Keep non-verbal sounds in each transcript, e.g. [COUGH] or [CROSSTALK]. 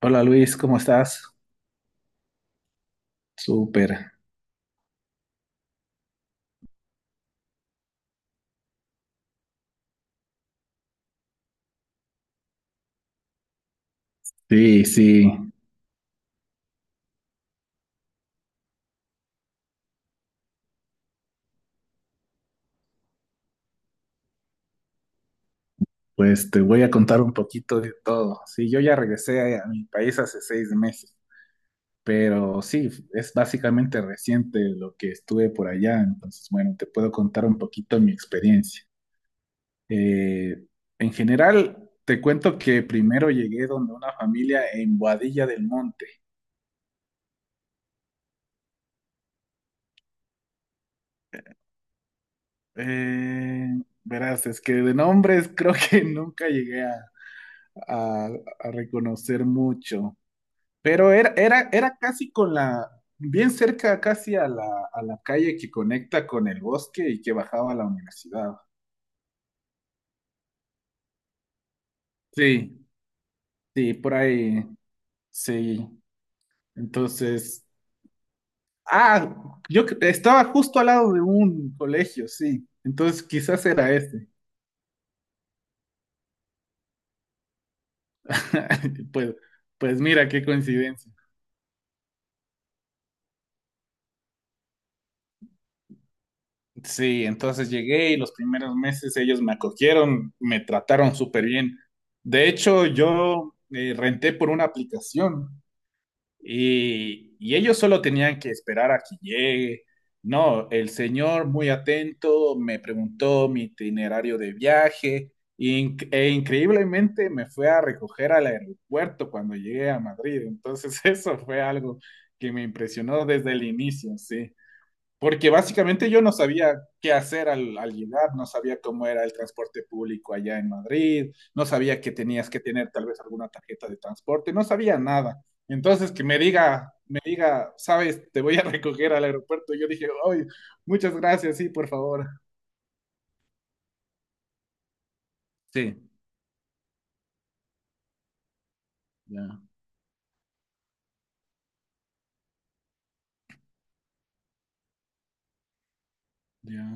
Hola Luis, ¿cómo estás? Súper. Sí, sí, pues te voy a contar un poquito de todo. Sí, yo ya regresé a mi país hace 6 meses, pero sí, es básicamente reciente lo que estuve por allá, entonces bueno, te puedo contar un poquito mi experiencia. Eh, en general, te cuento que primero llegué donde una familia en Boadilla del Monte. Eh, verás, es que de nombres creo que [LAUGHS] nunca llegué a a reconocer mucho. Pero era casi con bien cerca casi a a la calle que conecta con el bosque y que bajaba a la universidad. Sí, sí, por ahí, sí. Entonces, ah, estaba justo al lado de un colegio, sí. Entonces quizás era este. [LAUGHS] Pues, pues mira, qué coincidencia. Sí, entonces llegué y los primeros meses ellos me acogieron, me trataron súper bien. De hecho, yo renté por una aplicación. Y ellos solo tenían que esperar a que llegue. No, el señor muy atento me preguntó mi itinerario de viaje e increíblemente me fue a recoger al aeropuerto cuando llegué a Madrid. Entonces [LAUGHS] eso fue algo que me impresionó desde el inicio, sí. Porque básicamente yo no sabía qué hacer al llegar, no sabía cómo era el transporte público allá en Madrid, no sabía que tenías que tener tal vez alguna tarjeta de transporte, no sabía nada. Entonces que me diga, sabes, te voy a [LAUGHS] recoger al aeropuerto. Yo dije, ay, muchas gracias, sí, por favor. Sí, ya, ya.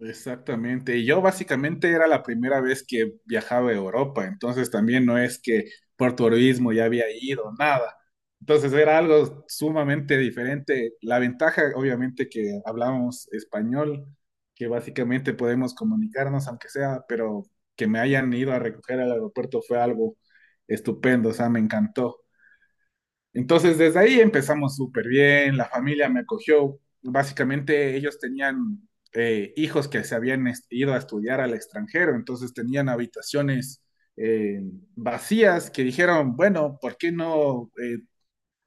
Exactamente. Y yo básicamente era la primera vez que viajaba a Europa, entonces también no es que por turismo ya había ido, nada. Entonces era algo sumamente diferente. La ventaja, obviamente, que hablamos español, que básicamente podemos comunicarnos, aunque sea, pero que me hayan ido a recoger al aeropuerto fue algo estupendo, o sea, me encantó. Entonces, desde ahí empezamos súper bien, la familia me acogió. Básicamente, ellos tenían hijos que se habían ido a estudiar al extranjero, entonces tenían habitaciones eh, vacías que dijeron, bueno, ¿por qué no? eh,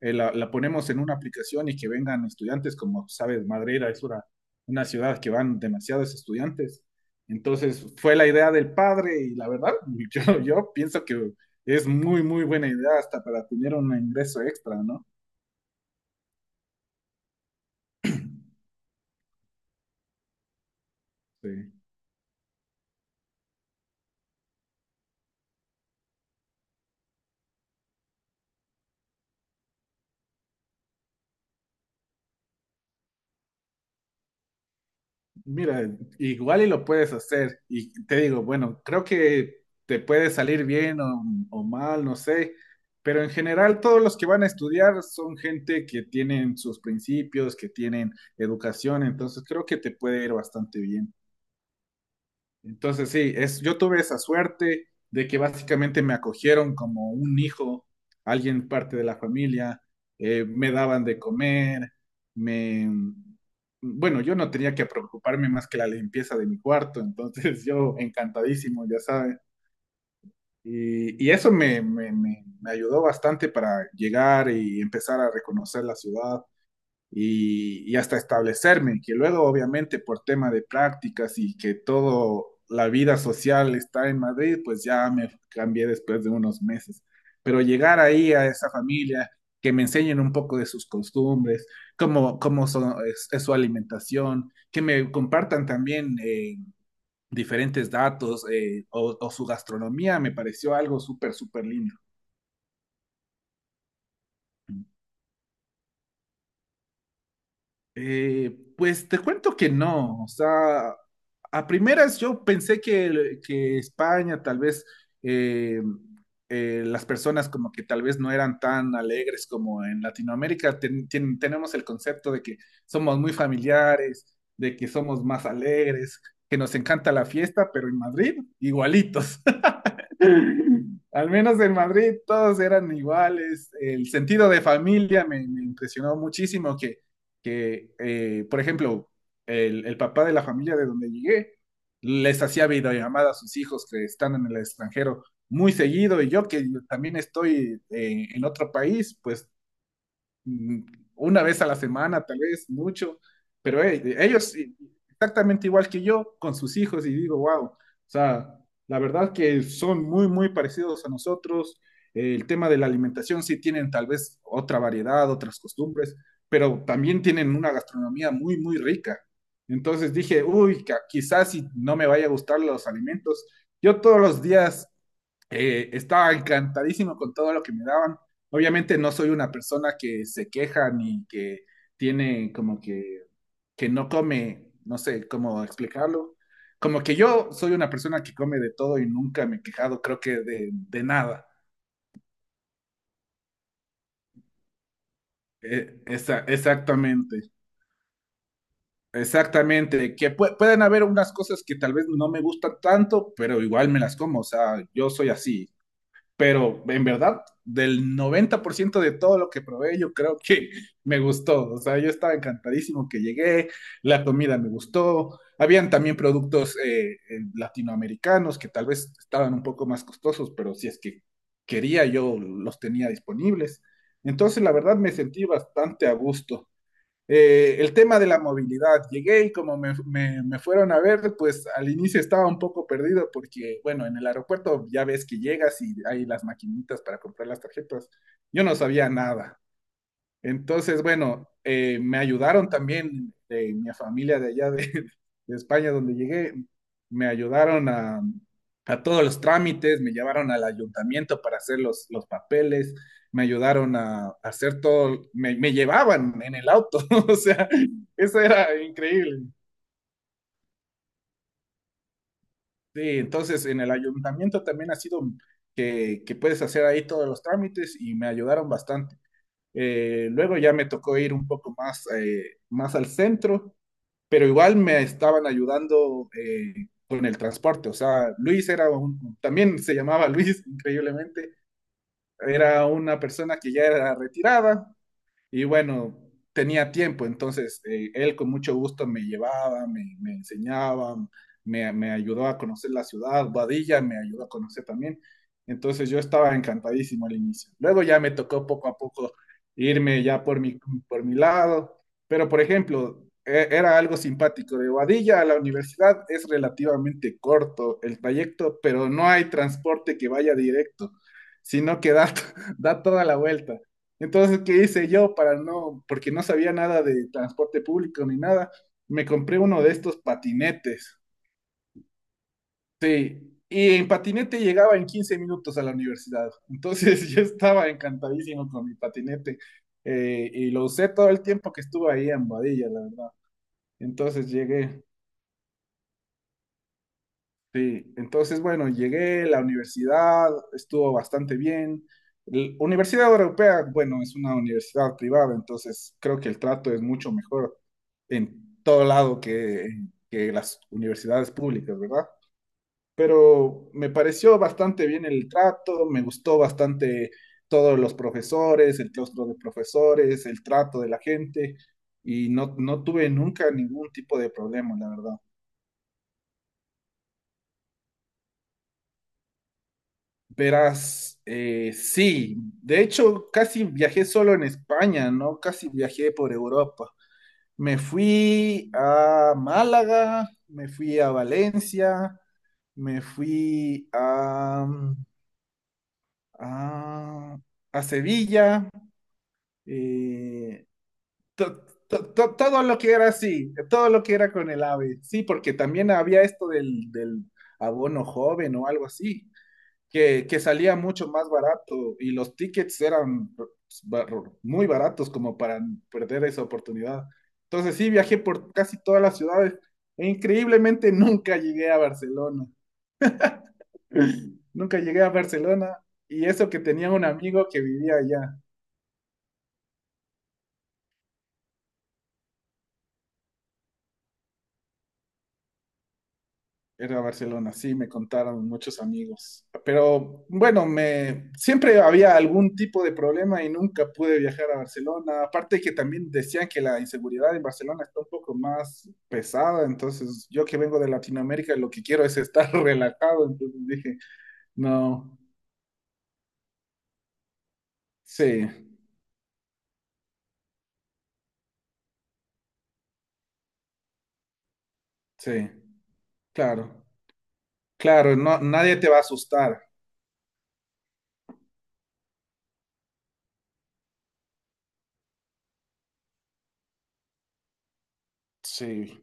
eh, la, la, ponemos en una aplicación y que vengan estudiantes, como sabes, Madrera es una ciudad que van demasiados estudiantes. Entonces fue la idea del padre y la verdad, [LAUGHS] yo pienso que es muy, muy buena idea hasta para tener un ingreso extra, ¿no? Sí. Mira, igual y lo puedes hacer. Y te digo, bueno, creo que te puede salir bien o mal, no sé. Pero en general, todos los que van a estudiar son gente que tienen sus principios, que tienen educación. Entonces, creo que te puede ir bastante bien. Entonces, sí, es, yo tuve esa suerte de que básicamente me acogieron como un hijo, alguien parte de la familia, me daban de comer, me... Bueno, yo no tenía que preocuparme más que la limpieza de mi cuarto, entonces [LAUGHS] yo encantadísimo, ya sabes. Y eso me ayudó bastante para llegar y empezar a reconocer la ciudad y hasta establecerme, que luego obviamente por tema de prácticas y que todo la vida social está en Madrid, pues ya me cambié después de unos meses. Pero llegar ahí a esa familia, que me enseñen un poco de sus costumbres, cómo son, es su alimentación, que me compartan también diferentes datos o su gastronomía, me pareció algo súper, súper lindo. Eh, pues te cuento que no, o sea, a primeras yo pensé que España tal vez eh, las personas como que tal vez no eran tan alegres como en Latinoamérica. Tenemos el concepto de que somos muy familiares, de que somos más alegres, que nos encanta la fiesta, pero en Madrid igualitos. Al menos en Madrid todos eran iguales. El sentido de familia me impresionó muchísimo que por ejemplo, el papá de la familia de donde llegué les hacía videollamada a sus hijos que están en el extranjero muy seguido y yo que también estoy en otro país, pues mm, una vez a la semana, tal vez mucho, pero hey, ellos exactamente igual que yo con sus hijos y digo, wow, o sea, la verdad que son muy, muy parecidos a nosotros. El tema de la alimentación sí tienen tal vez otra variedad, otras costumbres, pero también tienen una gastronomía muy, muy rica. Entonces dije, uy, quizás si no me vaya a gustar los alimentos, yo todos los días estaba encantadísimo con todo lo que me daban. Obviamente no soy una persona que se queja ni que tiene como que no come, no sé cómo explicarlo. Como que yo soy una persona que come de todo y nunca me he quejado, creo que de nada. Exactamente, exactamente. Que pueden haber unas cosas que tal vez no me gustan tanto, pero igual me las como. O sea, yo soy así. Pero en verdad, del 90% de todo lo que probé, yo creo que me gustó. O sea, yo estaba encantadísimo que llegué, la comida me gustó. Habían también productos latinoamericanos que tal vez estaban un poco más costosos, pero si es que quería, yo los tenía disponibles. Entonces, la verdad, me sentí bastante a gusto. El tema de la movilidad, llegué y como me fueron a ver, pues al inicio estaba un poco perdido porque, bueno, en el aeropuerto ya ves que llegas y hay las maquinitas para comprar las tarjetas. Yo no sabía nada. Entonces, bueno, me ayudaron también de mi familia de allá de, [LAUGHS] de España, donde llegué, me ayudaron a todos los trámites, me llevaron al ayuntamiento para hacer los papeles, me ayudaron a hacer todo, me llevaban en el auto, [LAUGHS] o sea, eso era increíble. Sí, entonces en el ayuntamiento también ha sido que puedes hacer ahí todos los trámites y me ayudaron bastante. Luego ya me tocó ir un poco más, más al centro pero igual me estaban ayudando con el transporte. O sea, Luis era un, también se llamaba [LAUGHS] Luis, increíblemente, era una persona que ya era retirada, y bueno, tenía tiempo, entonces él con mucho gusto me llevaba, me enseñaba, me ayudó a conocer la ciudad, Guadilla me ayudó a conocer también. Entonces yo estaba encantadísimo al inicio. Luego ya me tocó poco a poco irme ya por por mi lado, pero por ejemplo, era algo simpático. De Guadilla a la universidad es relativamente corto el trayecto, pero no hay transporte que vaya directo, sino que da, [LAUGHS] da toda la vuelta. Entonces, ¿qué hice yo para no, porque no sabía nada de transporte público ni nada? Me compré uno de estos patinetes. Sí, y en patinete llegaba en 15 minutos a la universidad. Entonces, [LAUGHS] yo estaba encantadísimo con mi patinete y lo usé todo el tiempo que estuve ahí en Boadilla, la verdad. Entonces llegué, Sí, entonces bueno, llegué, la universidad estuvo bastante bien. La Universidad Europea, bueno, es una universidad privada, entonces creo que el trato es mucho mejor en todo lado que las universidades públicas, ¿verdad? Pero me pareció bastante bien el trato, me gustó bastante todos los profesores, el claustro de profesores, el trato de la gente y no, no tuve nunca ningún tipo de problema, la verdad. Verás, sí, de hecho casi viajé solo en España, ¿no? Casi viajé por Europa. Me fui a Málaga, me fui a Valencia, me fui a, a Sevilla, eh, to- todo lo que era así, todo lo que era con el AVE, sí, porque también había esto del abono joven o algo así. Que salía mucho más barato y los tickets eran muy baratos como para perder esa oportunidad. Entonces sí, viajé por casi todas las ciudades e increíblemente [LAUGHS] nunca llegué a Barcelona. [LAUGHS] Nunca llegué a Barcelona y eso que tenía un amigo que vivía allá. Era Barcelona, sí, me contaron muchos amigos. Pero bueno, me siempre había algún tipo de problema y nunca pude viajar a Barcelona. Aparte que también decían que la inseguridad en Barcelona está un poco más pesada, entonces yo que vengo de Latinoamérica lo que quiero es estar [LAUGHS] relajado, entonces dije, no, sí, sí, claro, claro, no, nadie te va a asustar. Sí.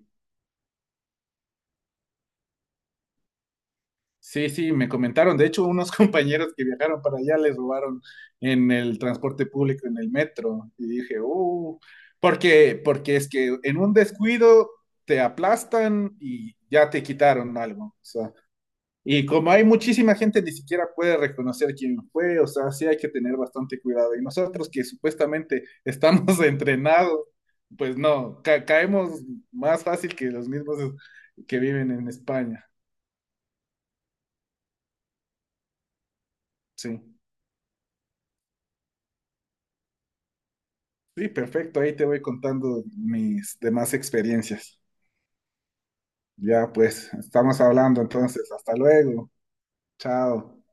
Sí, sí, me comentaron. De hecho, unos [LAUGHS] compañeros que viajaron para allá les robaron en el transporte público, en el metro. Y dije, porque es que en un descuido te aplastan y ya te quitaron algo. O sea, y como hay muchísima gente, ni siquiera puede reconocer quién fue. O sea, sí hay que tener bastante cuidado. Y nosotros que supuestamente estamos [LAUGHS] entrenados, pues no, caemos más fácil que los mismos que viven en España. Sí. Sí, perfecto. Ahí te voy contando mis demás experiencias. Ya pues, estamos hablando entonces. Hasta luego. Chao.